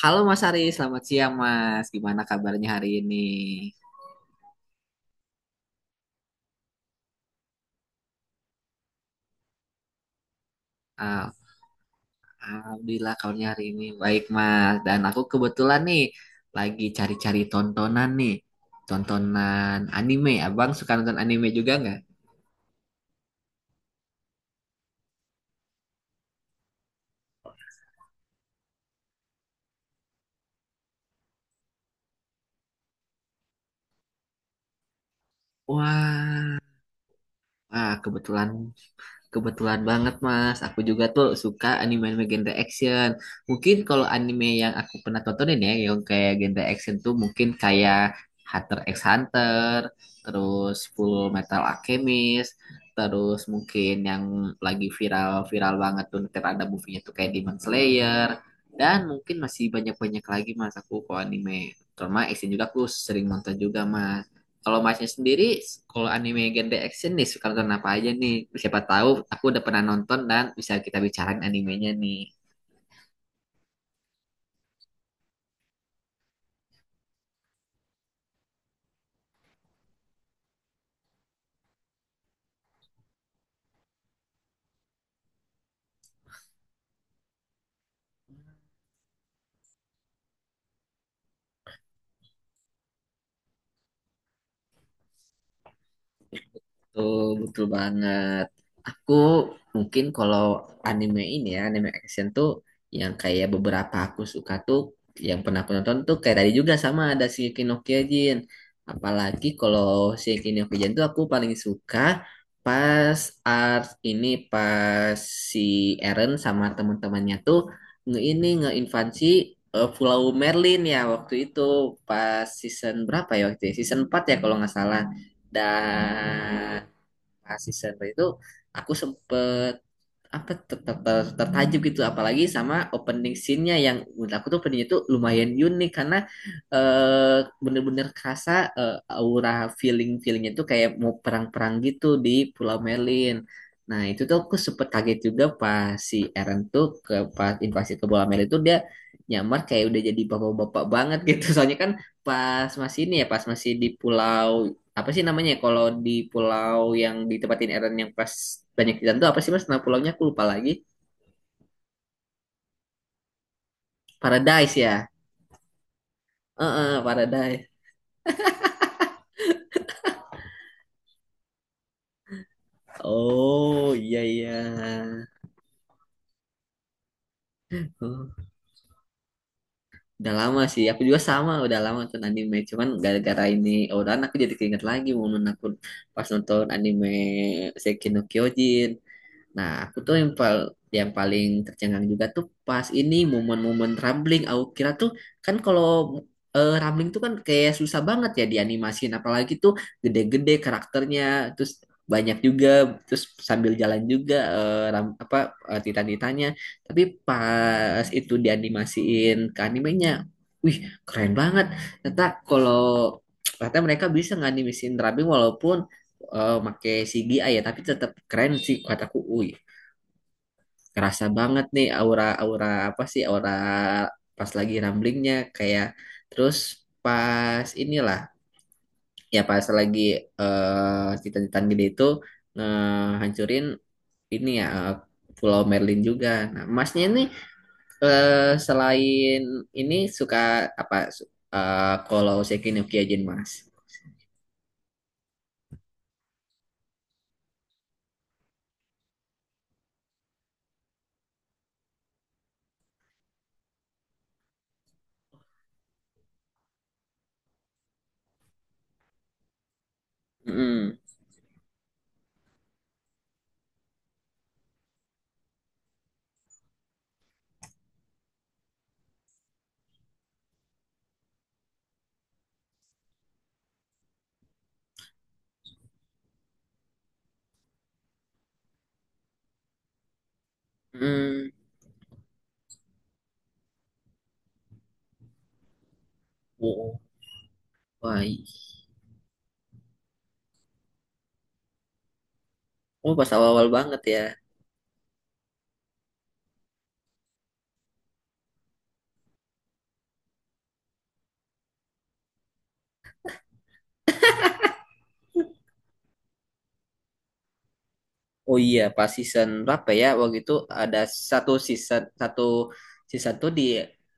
Halo Mas Ari, selamat siang Mas. Gimana kabarnya hari ini? Ah, Alhamdulillah kabarnya hari ini baik Mas. Dan aku kebetulan nih lagi cari-cari tontonan nih. Tontonan anime. Abang suka nonton anime juga nggak? Wah, kebetulan kebetulan banget Mas. Aku juga tuh suka anime-anime genre action. Mungkin kalau anime yang aku pernah tontonin ya, yang kayak genre action tuh mungkin kayak Hunter x Hunter, terus Full Metal Alchemist, terus mungkin yang lagi viral-viral banget tuh ntar ada movie-nya tuh kayak Demon Slayer. Dan mungkin masih banyak-banyak lagi Mas aku kalau anime. Terutama action juga aku sering nonton juga Mas. Kalau masnya sendiri, kalau anime genre action nih suka nonton apa aja nih? Siapa tahu aku udah pernah nonton dan bisa kita bicarain animenya nih. Tuh, betul banget. Aku mungkin kalau anime ini ya, anime action tuh yang kayak beberapa aku suka tuh, yang pernah aku nonton tuh kayak tadi juga sama ada Shingeki no Kyojin. Apalagi kalau Shingeki no Kyojin tuh aku paling suka pas art ini pas si Eren sama teman-temannya tuh ini ngeinvasi Pulau Merlin ya waktu itu pas season berapa ya waktu itu? Season 4 ya kalau nggak salah. Dan Nah, season berapa itu aku sempet apa tertajuk gitu apalagi sama opening scene-nya yang menurut aku tuh openingnya tuh lumayan unik karena eh, bener-bener kerasa aura feelingnya tuh kayak mau perang-perang gitu di Pulau Merlin. Nah itu tuh aku sempet kaget juga pas si Eren tuh pas invasi ke Pulau Merlin tuh dia nyamar kayak udah jadi bapak-bapak banget gitu soalnya kan pas masih ini ya pas masih di pulau apa sih namanya ya, kalau di pulau yang ditempatin Eren yang pas banyak ikan tuh apa sih mas nama pulaunya aku lupa lagi. Paradise ya. Heeh, Paradise. Oh iya iya. Oh, udah lama sih aku juga sama udah lama nonton anime cuman gara-gara ini Ouran aku jadi keinget lagi momen aku pas nonton anime Shingeki no Kyojin. Nah, aku tuh yang paling tercengang juga tuh pas ini momen-momen rambling. Aku kira tuh kan kalau rambling tuh kan kayak susah banget ya dianimasin, apalagi tuh gede-gede karakternya, terus banyak juga, terus sambil jalan juga apa titan-titannya. Tapi pas itu dianimasiin ke animenya, wih keren banget. Ternyata kalau ternyata mereka bisa nganimisin rambling walaupun make CGI ya, tapi tetap keren sih kataku. Wih, kerasa banget nih aura-aura apa sih aura pas lagi ramblingnya kayak terus pas inilah ya pas lagi cita-citaan gede itu ngehancurin ini ya Pulau Merlin juga. Nah, Masnya ini eh, selain ini suka apa kalau Sekinyoki aja Mas. Mm-mm. Mm. Oh, wah. Oh, pas awal-awal banget ya. Oh iya, pas season berapa ya? Waktu itu ada satu season tuh di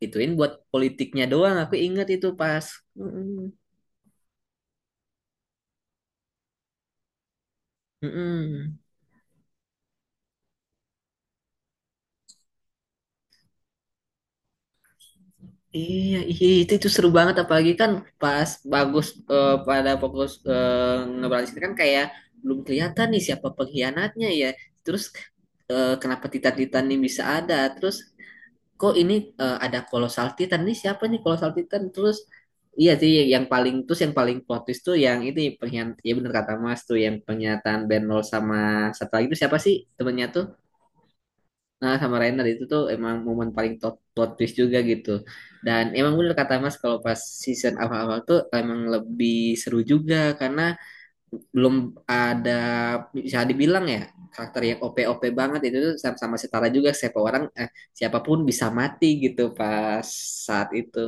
ituin buat politiknya doang. Aku inget itu pas. Mm-mm. Mm-mm. Iya, iya itu seru banget apalagi kan pas pada fokus ngeberantas kan kayak belum kelihatan nih siapa pengkhianatnya ya. Terus kenapa Titan-Titan ini bisa ada? Terus kok ini ada colossal titan nih siapa nih colossal titan terus iya sih yang paling terus yang paling plot, twist tuh yang itu pengen ya bener kata Mas tuh yang pernyataan Benol sama satu lagi itu siapa sih temennya tuh nah sama Rainer itu tuh emang momen paling plot twist juga gitu dan emang bener kata Mas kalau pas season awal-awal tuh emang lebih seru juga karena belum ada bisa dibilang ya karakter yang OP-OP banget itu tuh sama setara juga siapapun bisa mati gitu pas saat itu.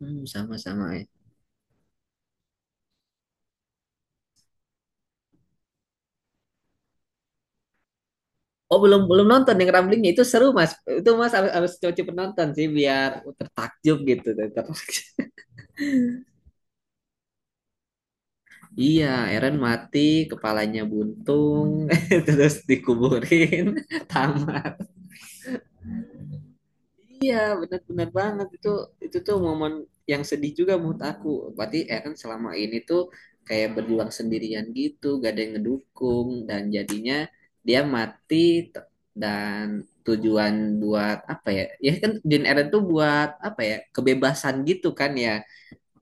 Hmm, sama-sama ya. Oh belum belum nonton yang ramblingnya itu seru mas itu mas harus harus coba penonton sih biar tertakjub gitu tertakjub. Iya Eren mati kepalanya buntung terus dikuburin tamat. Iya, benar-benar banget itu tuh momen yang sedih juga menurut aku. Berarti Eren selama ini tuh kayak berjuang sendirian gitu, gak ada yang ngedukung dan jadinya dia mati t- dan tujuan buat apa ya? Ya kan tujuan Eren tuh buat apa ya? Kebebasan gitu kan ya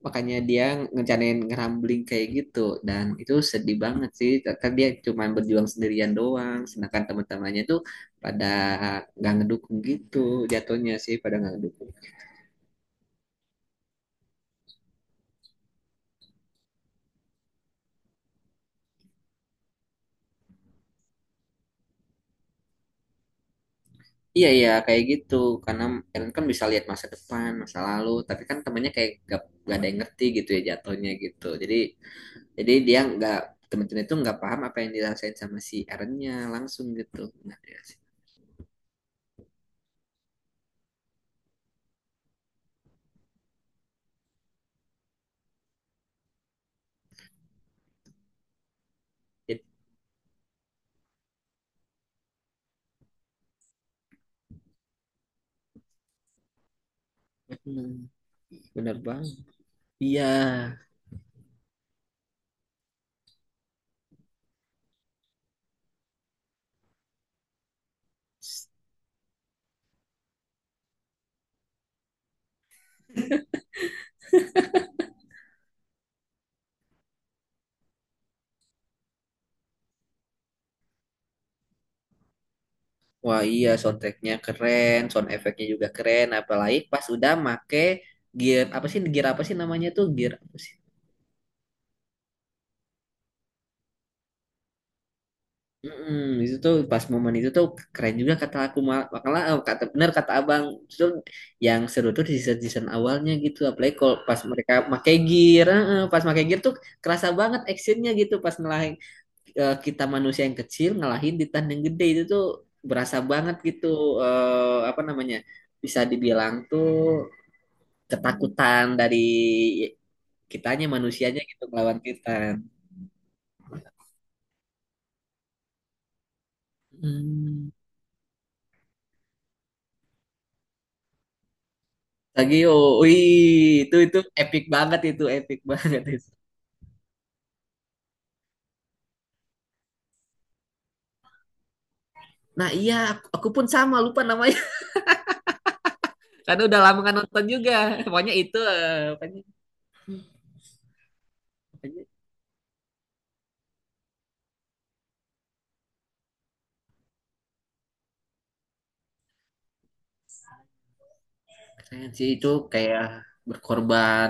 makanya dia ngerencanain ngerambling kayak gitu dan itu sedih banget sih kan dia cuma berjuang sendirian doang sedangkan teman-temannya tuh pada nggak ngedukung gitu jatuhnya sih pada nggak ngedukung. Iya iya kayak gitu karena Ellen kan bisa lihat masa depan masa lalu tapi kan temannya kayak gak ada yang ngerti gitu ya jatuhnya gitu jadi dia nggak teman-teman itu nggak paham apa yang dirasain sama si Erennya langsung gitu nah, ya sih. Jadi, hmm, bener banget iya. Wah iya soundtracknya keren, sound efeknya juga keren, apalagi pas udah make gear apa sih namanya tuh gear apa sih? Mm-mm, itu tuh pas momen itu tuh keren juga kata aku makanya kata benar kata abang itu yang seru tuh di season season awalnya gitu apalagi kalau pas mereka make gear pas make gear tuh kerasa banget actionnya gitu pas ngelahin kita manusia yang kecil ngelahin titan yang gede itu tuh berasa banget gitu apa namanya bisa dibilang tuh ketakutan dari kitanya manusianya gitu melawan titan. Hmm. Tagio, wih itu epic banget itu epic banget itu. Nah iya aku pun sama lupa namanya karena udah lama nggak nonton juga. Pokoknya itu eh, pokoknya, pokoknya keren sih itu kayak berkorban.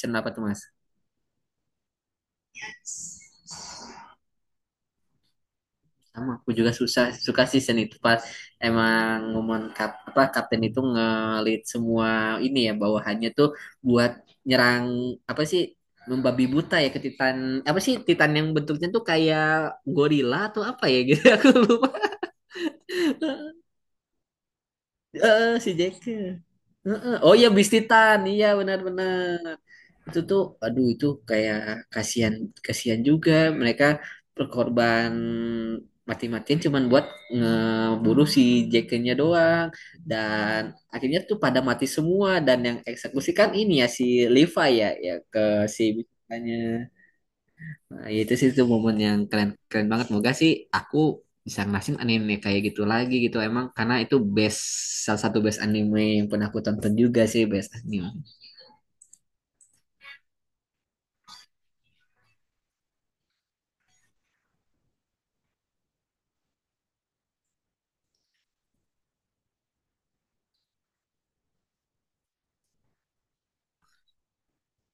Senapa tuh mas? Sama aku juga suka season itu pas emang momen apa kapten itu ngelit semua ini ya bawahannya tuh buat nyerang apa sih membabi buta ya ke Titan apa sih Titan yang bentuknya tuh kayak gorila atau apa ya gitu aku lupa. Si Jack. Heeh. Oh iya Beast Titan iya benar-benar itu tuh aduh itu kayak kasihan kasihan juga mereka berkorban mati-matian cuman buat ngeburu si Jackennya doang dan akhirnya tuh pada mati semua dan yang eksekusi kan ini ya si Levi ya ya ke si bisanya nah ya itu sih tuh momen yang keren keren banget moga sih aku bisa ngerasin anime kayak gitu lagi gitu emang karena itu best salah satu best anime yang pernah aku tonton juga sih best anime.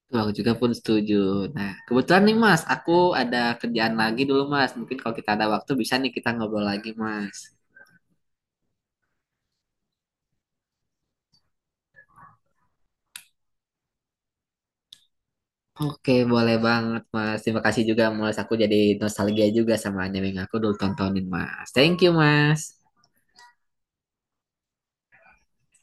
Betul, aku juga pun setuju. Nah, kebetulan nih Mas, aku ada kerjaan lagi dulu Mas. Mungkin kalau kita ada waktu bisa nih kita ngobrol lagi Mas. Oke, boleh banget Mas. Terima kasih juga Mas. Aku jadi nostalgia juga sama anime yang aku dulu tontonin Mas. Thank you Mas.